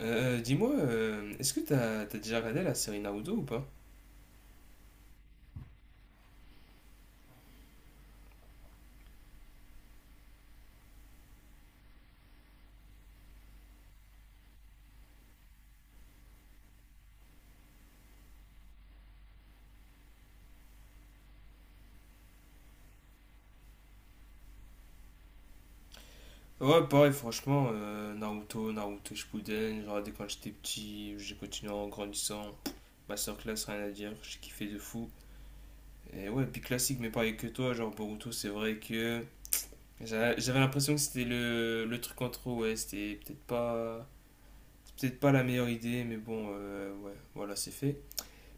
Dis-moi, est-ce que t'as déjà regardé la série Naruto ou pas? Ouais, pareil, franchement, Naruto, Naruto Shippuden, j'ai regardé quand j'étais petit, j'ai continué en grandissant. Ma classe rien à dire, j'ai kiffé de fou. Et ouais, puis classique, mais pareil que toi, genre Boruto, c'est vrai que j'avais l'impression que c'était le truc en trop, ouais, c'était peut-être pas, c'est peut-être pas la meilleure idée, mais bon, ouais, voilà, c'est fait.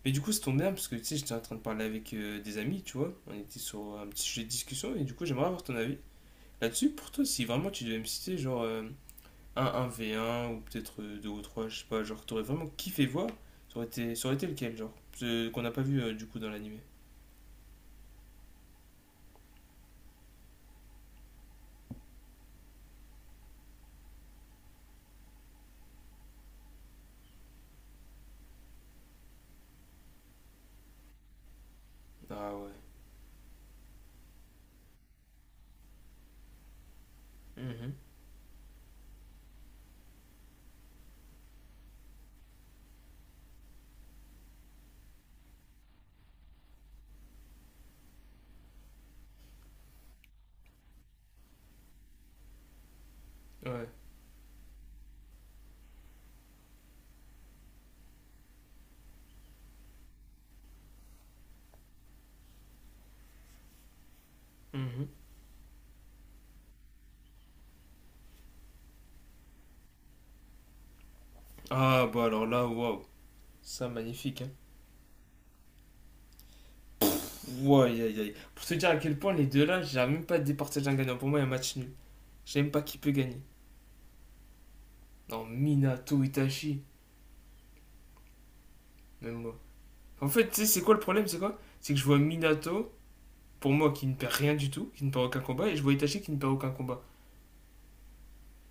Mais du coup, ça tombe bien, parce que tu sais, j'étais en train de parler avec des amis, tu vois, on était sur un petit sujet de discussion, et du coup, j'aimerais avoir ton avis. Là-dessus, pour toi, si vraiment tu devais me citer genre un 1 v un ou peut-être 2 ou 3 je sais pas, genre t'aurais vraiment kiffé voir, ça aurait été lequel, genre, ce qu'on n'a pas vu du coup dans l'animé. Ah ouais. Mhm. Ouais. Mhm. Ah bah alors là, waouh. Ça, magnifique, hein. Ouah, aïe, aïe, aïe. Pour te dire à quel point les deux là, j'arrive même pas à départager un gagnant. Pour moi, il y a un match nul. Je sais même pas qui peut gagner. Non, Minato, Itachi, même moi. En fait, tu sais, c'est quoi le problème, c'est quoi? C'est que je vois Minato pour moi, qui ne perd rien du tout, qui ne perd aucun combat, et je vois Itachi qui ne perd aucun combat.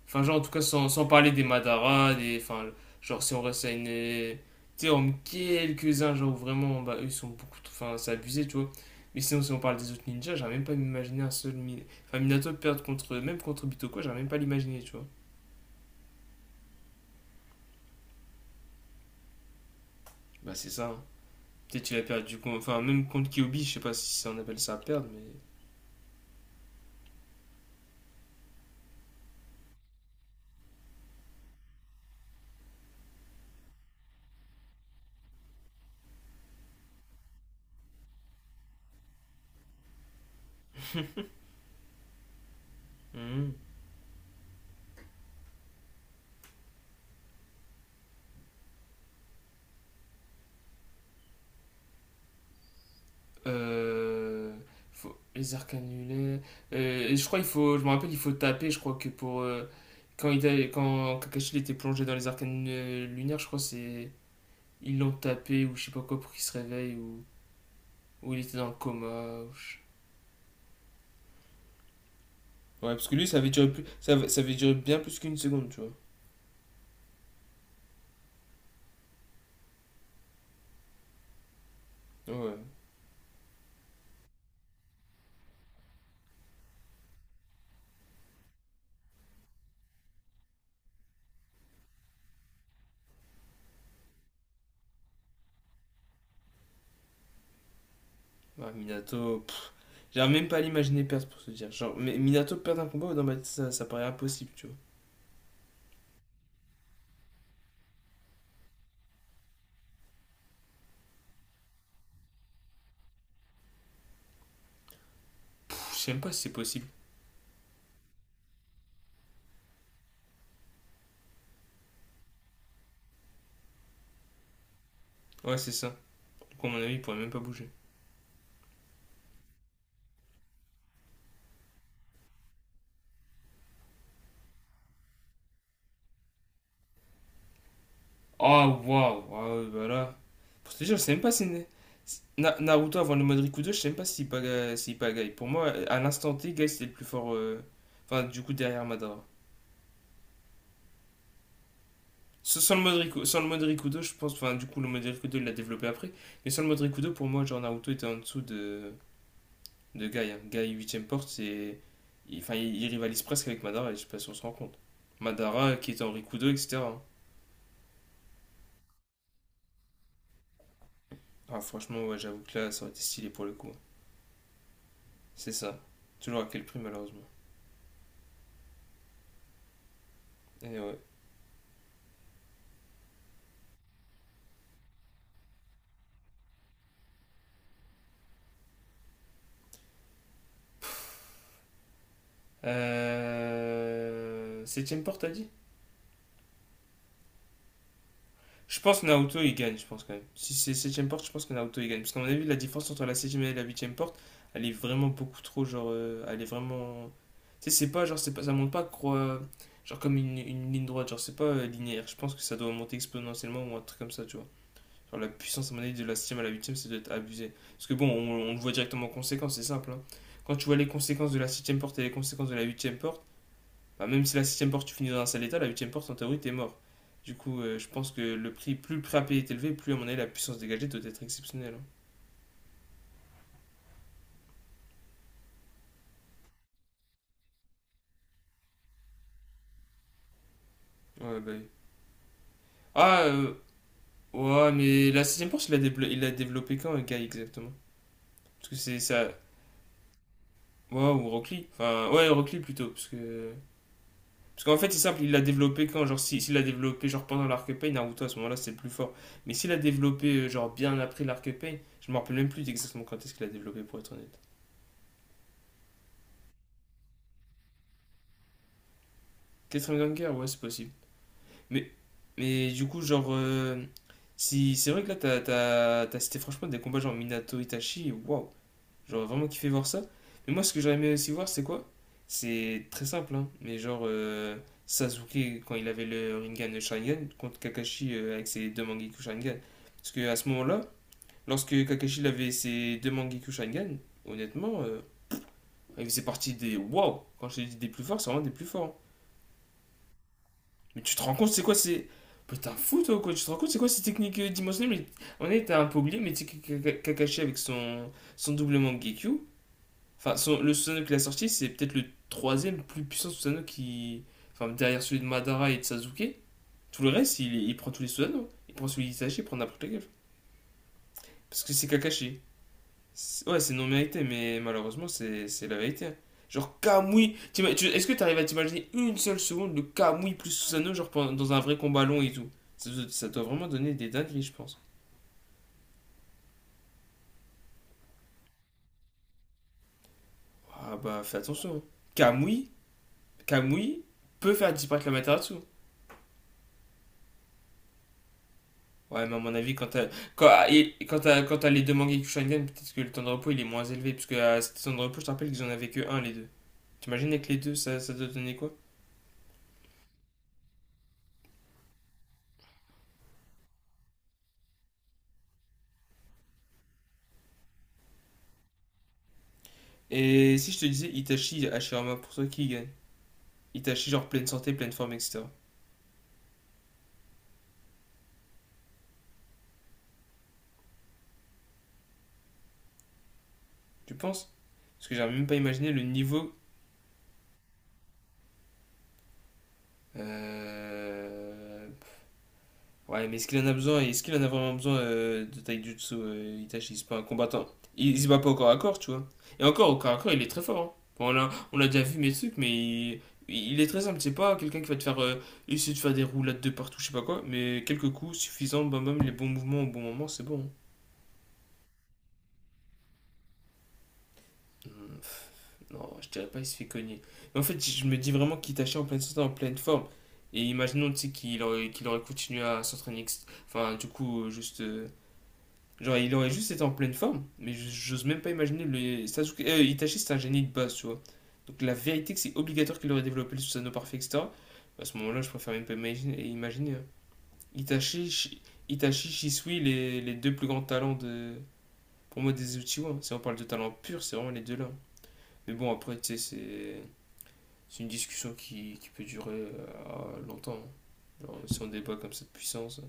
Enfin, genre, en tout cas, sans parler des Madara, des. Enfin, genre, si on reste à une. Tu sais, on met quelques-uns, genre, où vraiment, bah, eux, ils sont beaucoup. Enfin, c'est abusé, tu vois. Mais sinon, si on parle des autres ninjas, j'arrive même pas à m'imaginer un seul. Enfin, Minato perdre contre. Même contre Bitoko, j'arrive même pas à l'imaginer, tu vois. Bah, c'est ça, hein. Peut-être qu'il a perdu. Enfin, même contre Kyobi, je sais pas si on appelle ça à perdre, mais. Mhm. Euh, faut, les arcs annulés. Et je crois il faut, je me rappelle, il faut taper. Je crois que pour quand quand Kakashi il était plongé dans les arcs lunaires, je crois c'est ils l'ont tapé ou je sais pas quoi pour qu'il se réveille ou il était dans le coma. Ouais, parce que lui ça avait duré plus, ça avait duré bien plus qu'une seconde, tu vois. Ouais. Ouais, Minato, pff, j'arrive même pas à l'imaginer perdre pour se dire. Genre, mais Minato perdre un combat, dans ma tête, ça paraît impossible, tu vois. Pff, je sais même pas si c'est possible. Ouais, c'est ça. Du coup, à mon avis, il pourrait même pas bouger. Ah, waouh! Ah, ouais, bah là. Pour te dire, je sais même pas si. Naruto avant le mode Rikudo, je sais même pas s'il pagaille. S'il pagaille. Pour moi, à l'instant T, Guy c'était le plus fort. Enfin, du coup, derrière Madara. Sans le mode Riku- sans le mode Rikudo, je pense. Enfin, du coup, le mode Rikudo, il l'a développé après. Mais sans le mode Rikudo, pour moi, genre Naruto était en dessous de Guy. Hein. Guy 8 porte, c'est. Enfin, il rivalise presque avec Madara, et je sais pas si on se rend compte. Madara qui était en Rikudo, etc. Ah, franchement, ouais, j'avoue que là, ça aurait été stylé pour le coup, hein. C'est ça. Toujours à quel prix, malheureusement. Et ouais. Septième porte, t'as dit? Je pense que Naoto il gagne, je pense quand même. Si c'est septième porte, je pense que Naoto il gagne. Parce qu'à mon avis, la différence entre la septième et la huitième porte, elle est vraiment beaucoup trop, genre, elle est vraiment. Tu sais, c'est pas, genre, c'est pas, ça monte pas, genre, comme une ligne droite, genre, c'est pas linéaire. Je pense que ça doit monter exponentiellement ou un truc comme ça, tu vois. Genre, la puissance, à mon avis, de la septième à la huitième, ça doit être abusé. Parce que bon, on le voit directement en conséquence, c'est simple, hein. Quand tu vois les conséquences de la septième porte et les conséquences de la huitième porte, bah, même si la septième porte, tu finis dans un sale état, la huitième porte, en théorie, t'es mort. Du coup, je pense que le prix, plus le prix à payer est élevé, plus à mon avis la puissance dégagée doit être exceptionnelle, hein. Ouais, bah oui. Ah, ouais, mais la sixième porte il l'a développé quand, Guy, exactement. Parce que c'est ça. Ouais, ou Rockly. Enfin, ouais, Rockly plutôt, parce que. Parce qu'en fait, c'est simple, il l'a développé quand, genre, s'il si- s'il l'a développé, genre, pendant l'Arc Pain, Naruto, à ce moment-là, c'est le plus fort. Mais s'il l'a développé, genre, bien après l'Arc Pain, je me rappelle même plus exactement quand est-ce qu'il l'a développé, pour être honnête. Quatrième Ganger, ouais, c'est possible. Mais, mais du coup, genre, si c'est vrai que là, t'as cité franchement des combats genre Minato Itachi, waouh, j'aurais vraiment kiffé voir ça. Mais moi, ce que j'aurais aimé aussi voir, c'est quoi? C'est très simple, hein, mais genre Sasuke quand il avait le Rinnegan le Sharingan contre Kakashi avec ses deux Mangekyou Sharingan. Parce que à ce moment-là, lorsque Kakashi il avait ses deux Mangekyou Sharingan, honnêtement, il faisait partie des waouh, quand je te dis des plus forts, c'est vraiment des plus forts. Mais tu te rends compte, c'est quoi c'est. Putain, fou toi, quoi. Tu te rends compte, c'est quoi ces techniques dimensionnelles mais… On était un peu oublié, mais tu Kakashi avec son double Mangekyu. Enfin, son… le Susanoo qu'il a sorti, c'est peut-être le troisième plus puissant Susanoo qui. Enfin, derrière celui de Madara et de Sasuke. Tout le reste, il prend tous les Susanoo. Il prend celui d'Itachi, il prend n'importe lequel. Parce que c'est Kakashi. Ouais, c'est non mérité, mais malheureusement, c'est la vérité. Genre, Kamui. Est-ce que tu arrives à t'imaginer une seule seconde de Kamui plus Susanoo, genre dans un vrai combat long et tout? Ça doit vraiment donner des dingueries, je pense. Ah bah, fais attention, hein. Kamui, Kamui peut faire disparaître la Materasu. Ouais, mais à mon avis, quand t'as quand, et- quand t'as les deux mangas Kyokushingen, peut-être que le temps de repos il est moins élevé, puisque à ce temps de repos, je te rappelle qu'ils en avaient que un, les deux. T'imagines avec les deux, ça doit donner quoi? Et si je te disais Itachi, Hashirama, pour toi, qui gagne? Itachi, genre pleine santé, pleine forme, etc. Tu penses? Parce que j'arrive même pas à imaginer le niveau. Euh... Ouais, mais est-ce qu'il en a besoin? Est-ce qu'il en a vraiment besoin de Taijutsu Itachi. C'est pas un combattant. Il se bat pas au corps à corps, tu vois. Et encore, au corps à corps, il est très fort, hein. Bon, on a déjà vu mes trucs, mais il est très simple. C'est pas quelqu'un qui va te faire essayer de faire des roulades de partout, je sais pas quoi. Mais quelques coups suffisants, bam bam, les bons mouvements au bon moment, c'est bon, hein. Non, je dirais pas il se fait cogner. Mais en fait, je me dis vraiment qu'il tâchait en pleine santé, en pleine forme. Et imaginons, tu sais, qu'il aurait continué à s'entraîner. Enfin, du coup, juste. Genre, il aurait juste été en pleine forme. Mais j'ose même pas imaginer le. Sasuke. Itachi, c'est un génie de base, tu vois. Donc, la vérité, que c'est obligatoire qu'il aurait développé le Susanoo parfait, etc. À ce moment-là, je préfère même pas imaginer. Hein. Itachi, Shi- Itachi, Shisui, les deux plus grands talents de. Pour moi, des Uchiwa, hein. Si on parle de talent pur, c'est vraiment les deux-là, hein. Mais bon, après, tu sais, c'est une discussion qui peut durer longtemps. Genre, si on débat comme ça de puissance.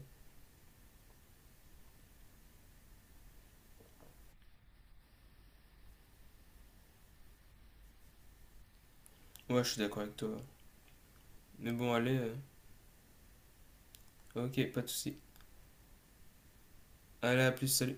Ouais, je suis d'accord avec toi. Mais bon, allez, ok, pas de soucis. Allez, à plus, salut.